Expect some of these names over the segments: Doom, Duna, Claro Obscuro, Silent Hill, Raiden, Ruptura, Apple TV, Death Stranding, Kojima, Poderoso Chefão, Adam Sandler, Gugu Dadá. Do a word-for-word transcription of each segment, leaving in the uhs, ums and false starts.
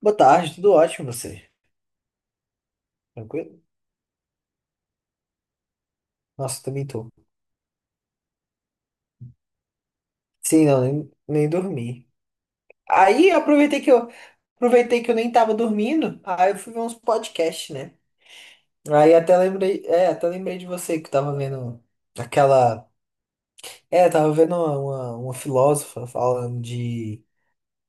Boa tarde, tudo ótimo você? Tranquilo? Nossa, também tô. Sim, não, nem, nem dormi. Aí eu aproveitei que eu aproveitei que eu nem tava dormindo, aí eu fui ver uns podcasts, né? Aí até lembrei, é, até lembrei de você que tava vendo aquela, é, tava vendo uma, uma, uma filósofa falando de,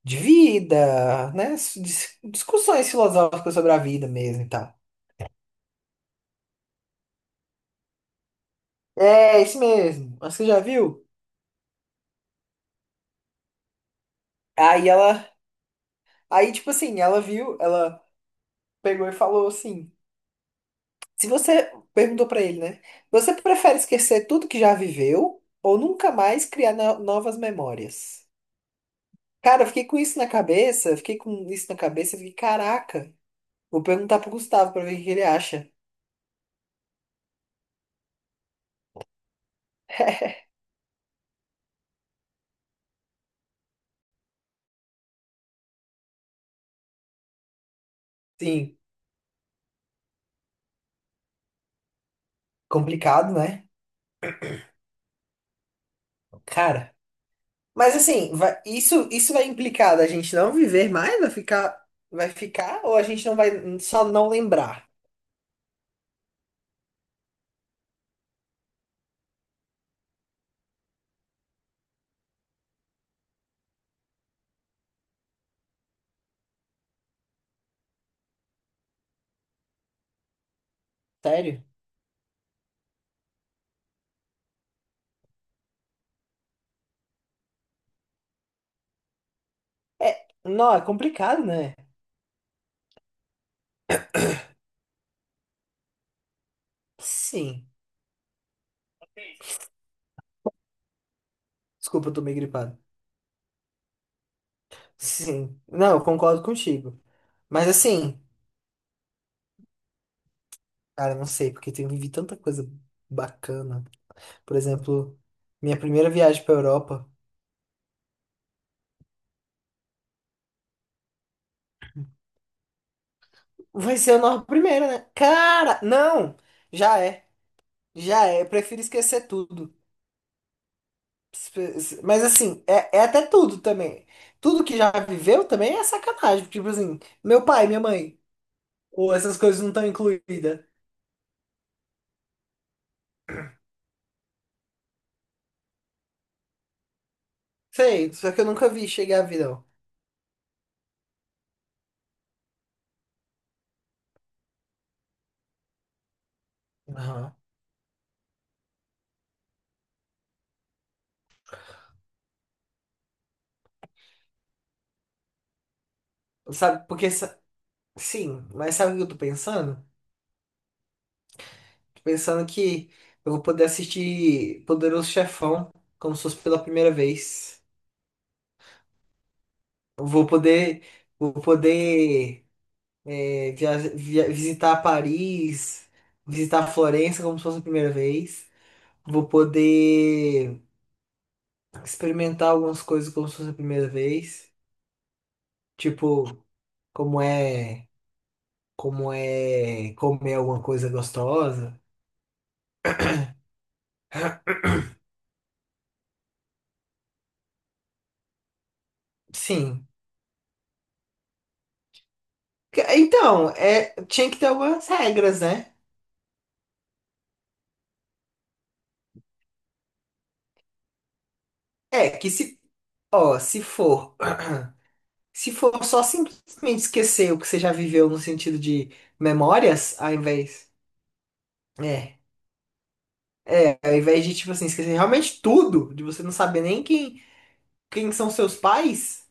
de vida, né? Dis- Discussões filosóficas sobre a vida mesmo e tal. É, isso mesmo. Mas você já viu? Aí ela, aí tipo assim, ela viu, ela pegou e falou assim. Se você perguntou pra ele, né? Você prefere esquecer tudo que já viveu ou nunca mais criar no- novas memórias? Cara, eu fiquei com isso na cabeça, fiquei com isso na cabeça, fiquei, caraca. Vou perguntar pro Gustavo pra ver o que ele acha. Sim, complicado, né? Cara, mas assim, vai- isso isso vai implicar da gente não viver mais, vai ficar vai ficar ou a gente não vai só não lembrar? Sério? É, não, é complicado, né? Sim. Desculpa, eu tô meio gripado. Sim, não, eu concordo contigo. Mas assim, cara, não sei, porque eu vivi tanta coisa bacana. Por exemplo, minha primeira viagem pra Europa vai ser a nossa primeira, né? Cara, não! Já é, já é. Eu prefiro esquecer tudo. Mas assim, é, é até tudo também. Tudo que já viveu também é sacanagem. Tipo assim, meu pai, minha mãe, ou essas coisas não estão incluídas. Sei, só que eu nunca vi chegar a vida, ó. Aham. Sabe, porque, sa- sim, mas sabe o que eu tô pensando? Pensando que eu vou poder assistir Poderoso Chefão como se fosse pela primeira vez. Eu vou poder, vou poder é, via- via- visitar Paris, visitar Florença como se fosse a primeira vez. Vou poder experimentar algumas coisas como se fosse a primeira vez. Tipo, como é, como é comer alguma coisa gostosa. Sim. Que- Então, é, tinha que ter algumas regras, né? É, que se ó, se for, se for só simplesmente esquecer o que você já viveu no sentido de memórias, ao invés, é, é, ao invés de tipo assim esquecer realmente tudo, de você não saber nem quem, quem são seus pais,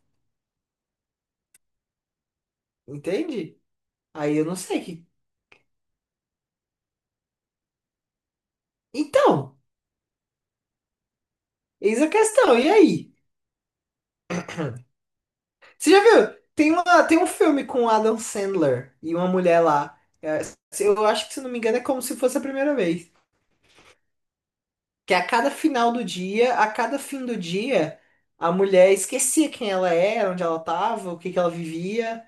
entende? Aí eu não sei que. Então, eis a questão. E aí? Você já viu? Tem uma, tem um filme com o Adam Sandler e uma mulher lá. Eu acho que se não me engano é como se fosse a primeira vez. Que a cada final do dia, a cada fim do dia, a mulher esquecia quem ela era, onde ela estava, o que que ela vivia.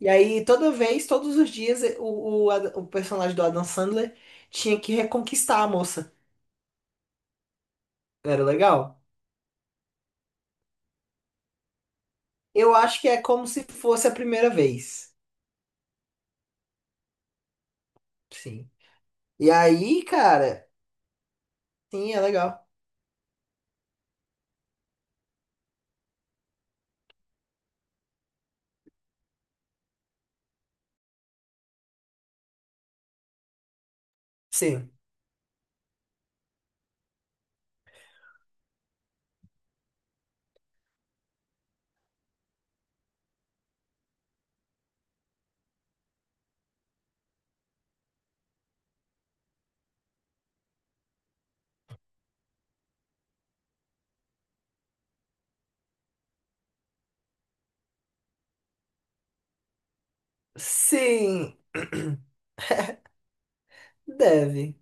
E aí, toda vez, todos os dias, eh, o, o, Ad- o personagem do Adam Sandler tinha que reconquistar a moça. Era legal? Eu acho que é como se fosse a primeira vez. Sim. E aí, cara, sim, é legal. Sim. Sim, deve.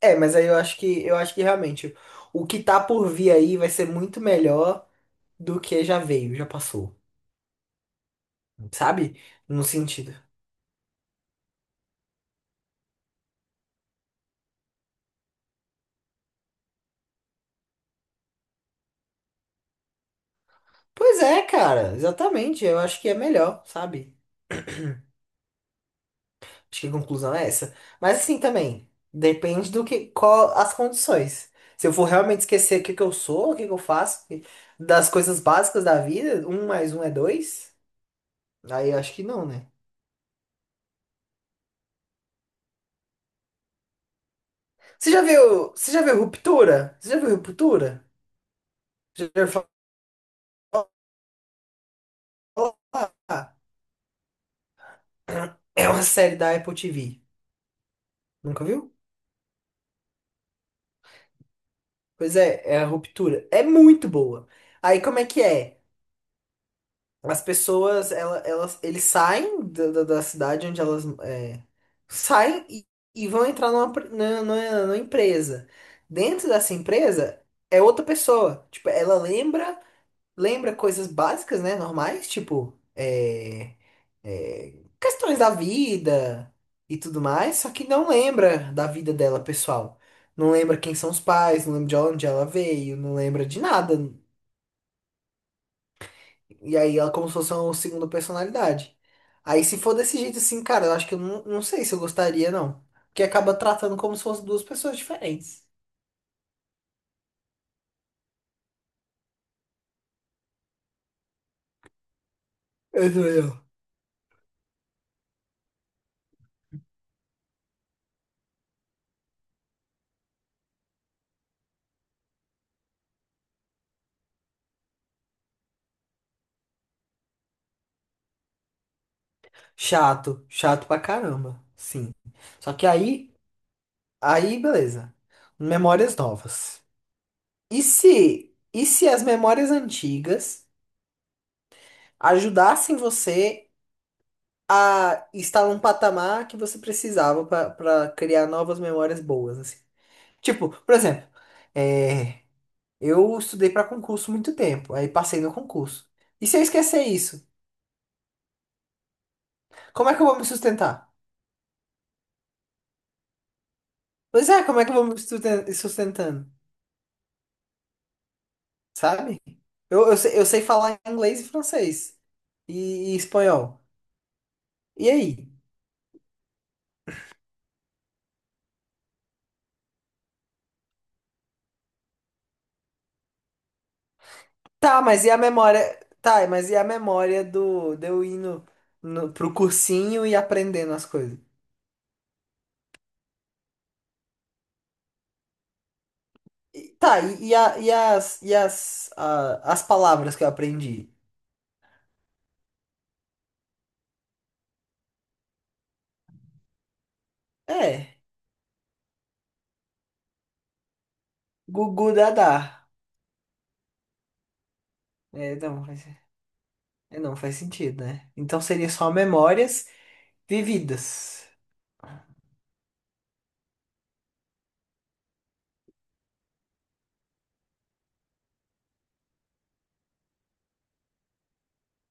É, mas aí eu acho que eu acho que realmente o que tá por vir aí vai ser muito melhor do que já veio, já passou, sabe? No sentido. Pois é, cara, exatamente. Eu acho que é melhor, sabe? Acho que a conclusão é essa. Mas assim também, depende do que, qual as condições. Se eu for realmente esquecer o que que eu sou, o que que eu faço, que- das coisas básicas da vida, um mais um é dois, aí eu acho que não, né? Você já viu, você já viu Ruptura? Você já viu Ruptura? Já viu falar? É uma série da Apple T V. Nunca viu? Pois é, é a ruptura. É muito boa. Aí como é que é? As pessoas, ela, elas, eles saem da, da, da cidade onde elas é, saem e, e vão entrar numa, pre- na- na- numa empresa. Dentro dessa empresa é outra pessoa. Tipo, ela lembra lembra coisas básicas, né? Normais, tipo, é, é, questões da vida e tudo mais, só que não lembra da vida dela, pessoal. Não lembra quem são os pais, não lembra de onde ela veio, não lembra de nada. E aí ela como se fosse uma segunda personalidade. Aí se for desse jeito assim, cara, eu acho que eu não, não sei se eu gostaria, não. Porque acaba tratando como se fossem duas pessoas diferentes. Eu sou eu. Chato, chato pra caramba. Sim. Só que aí. Aí, beleza. Memórias novas. E se, e se as memórias antigas ajudassem você a estar num patamar que você precisava para criar novas memórias boas, assim? Tipo, por exemplo, é, eu estudei para concurso muito tempo, aí passei no concurso. E se eu esquecer isso, como é que eu vou me sustentar? Pois é, como é que eu vou me susten- sustentando, sabe? Eu, eu, sei, eu sei falar inglês e francês e e espanhol. E aí? Tá, mas e a memória? Tá, mas e a memória do de eu ir no, no- pro cursinho e aprendendo as coisas? E- tá, e, e a- e as, e as, a- as palavras que eu aprendi? É, Gugu Dadá. É, não, faz, é, não faz sentido, né? Então seria só memórias vividas.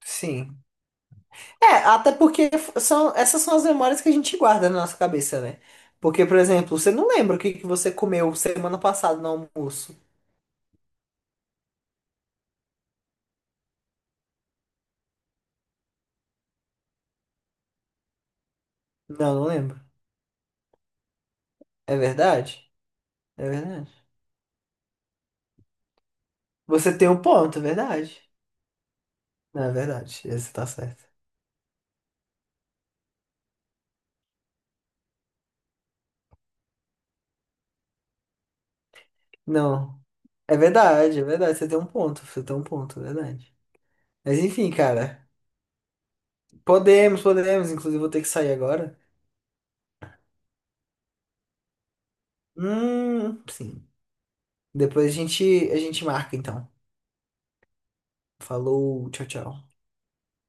Sim. É, até porque f- são, essas são as memórias que a gente guarda na nossa cabeça, né? Porque, por exemplo, você não lembra o que que você comeu semana passada no almoço. Não, não lembro. É verdade? É verdade. Você tem um ponto, é verdade. Não, é verdade. Você tá certo. Não. É verdade, é verdade. Você tem um ponto. Você tem um ponto, é verdade. Mas enfim, cara. Podemos, podemos. Inclusive, vou ter que sair agora. Hum, sim. Depois a gente, a gente marca, então. Falou, tchau, tchau.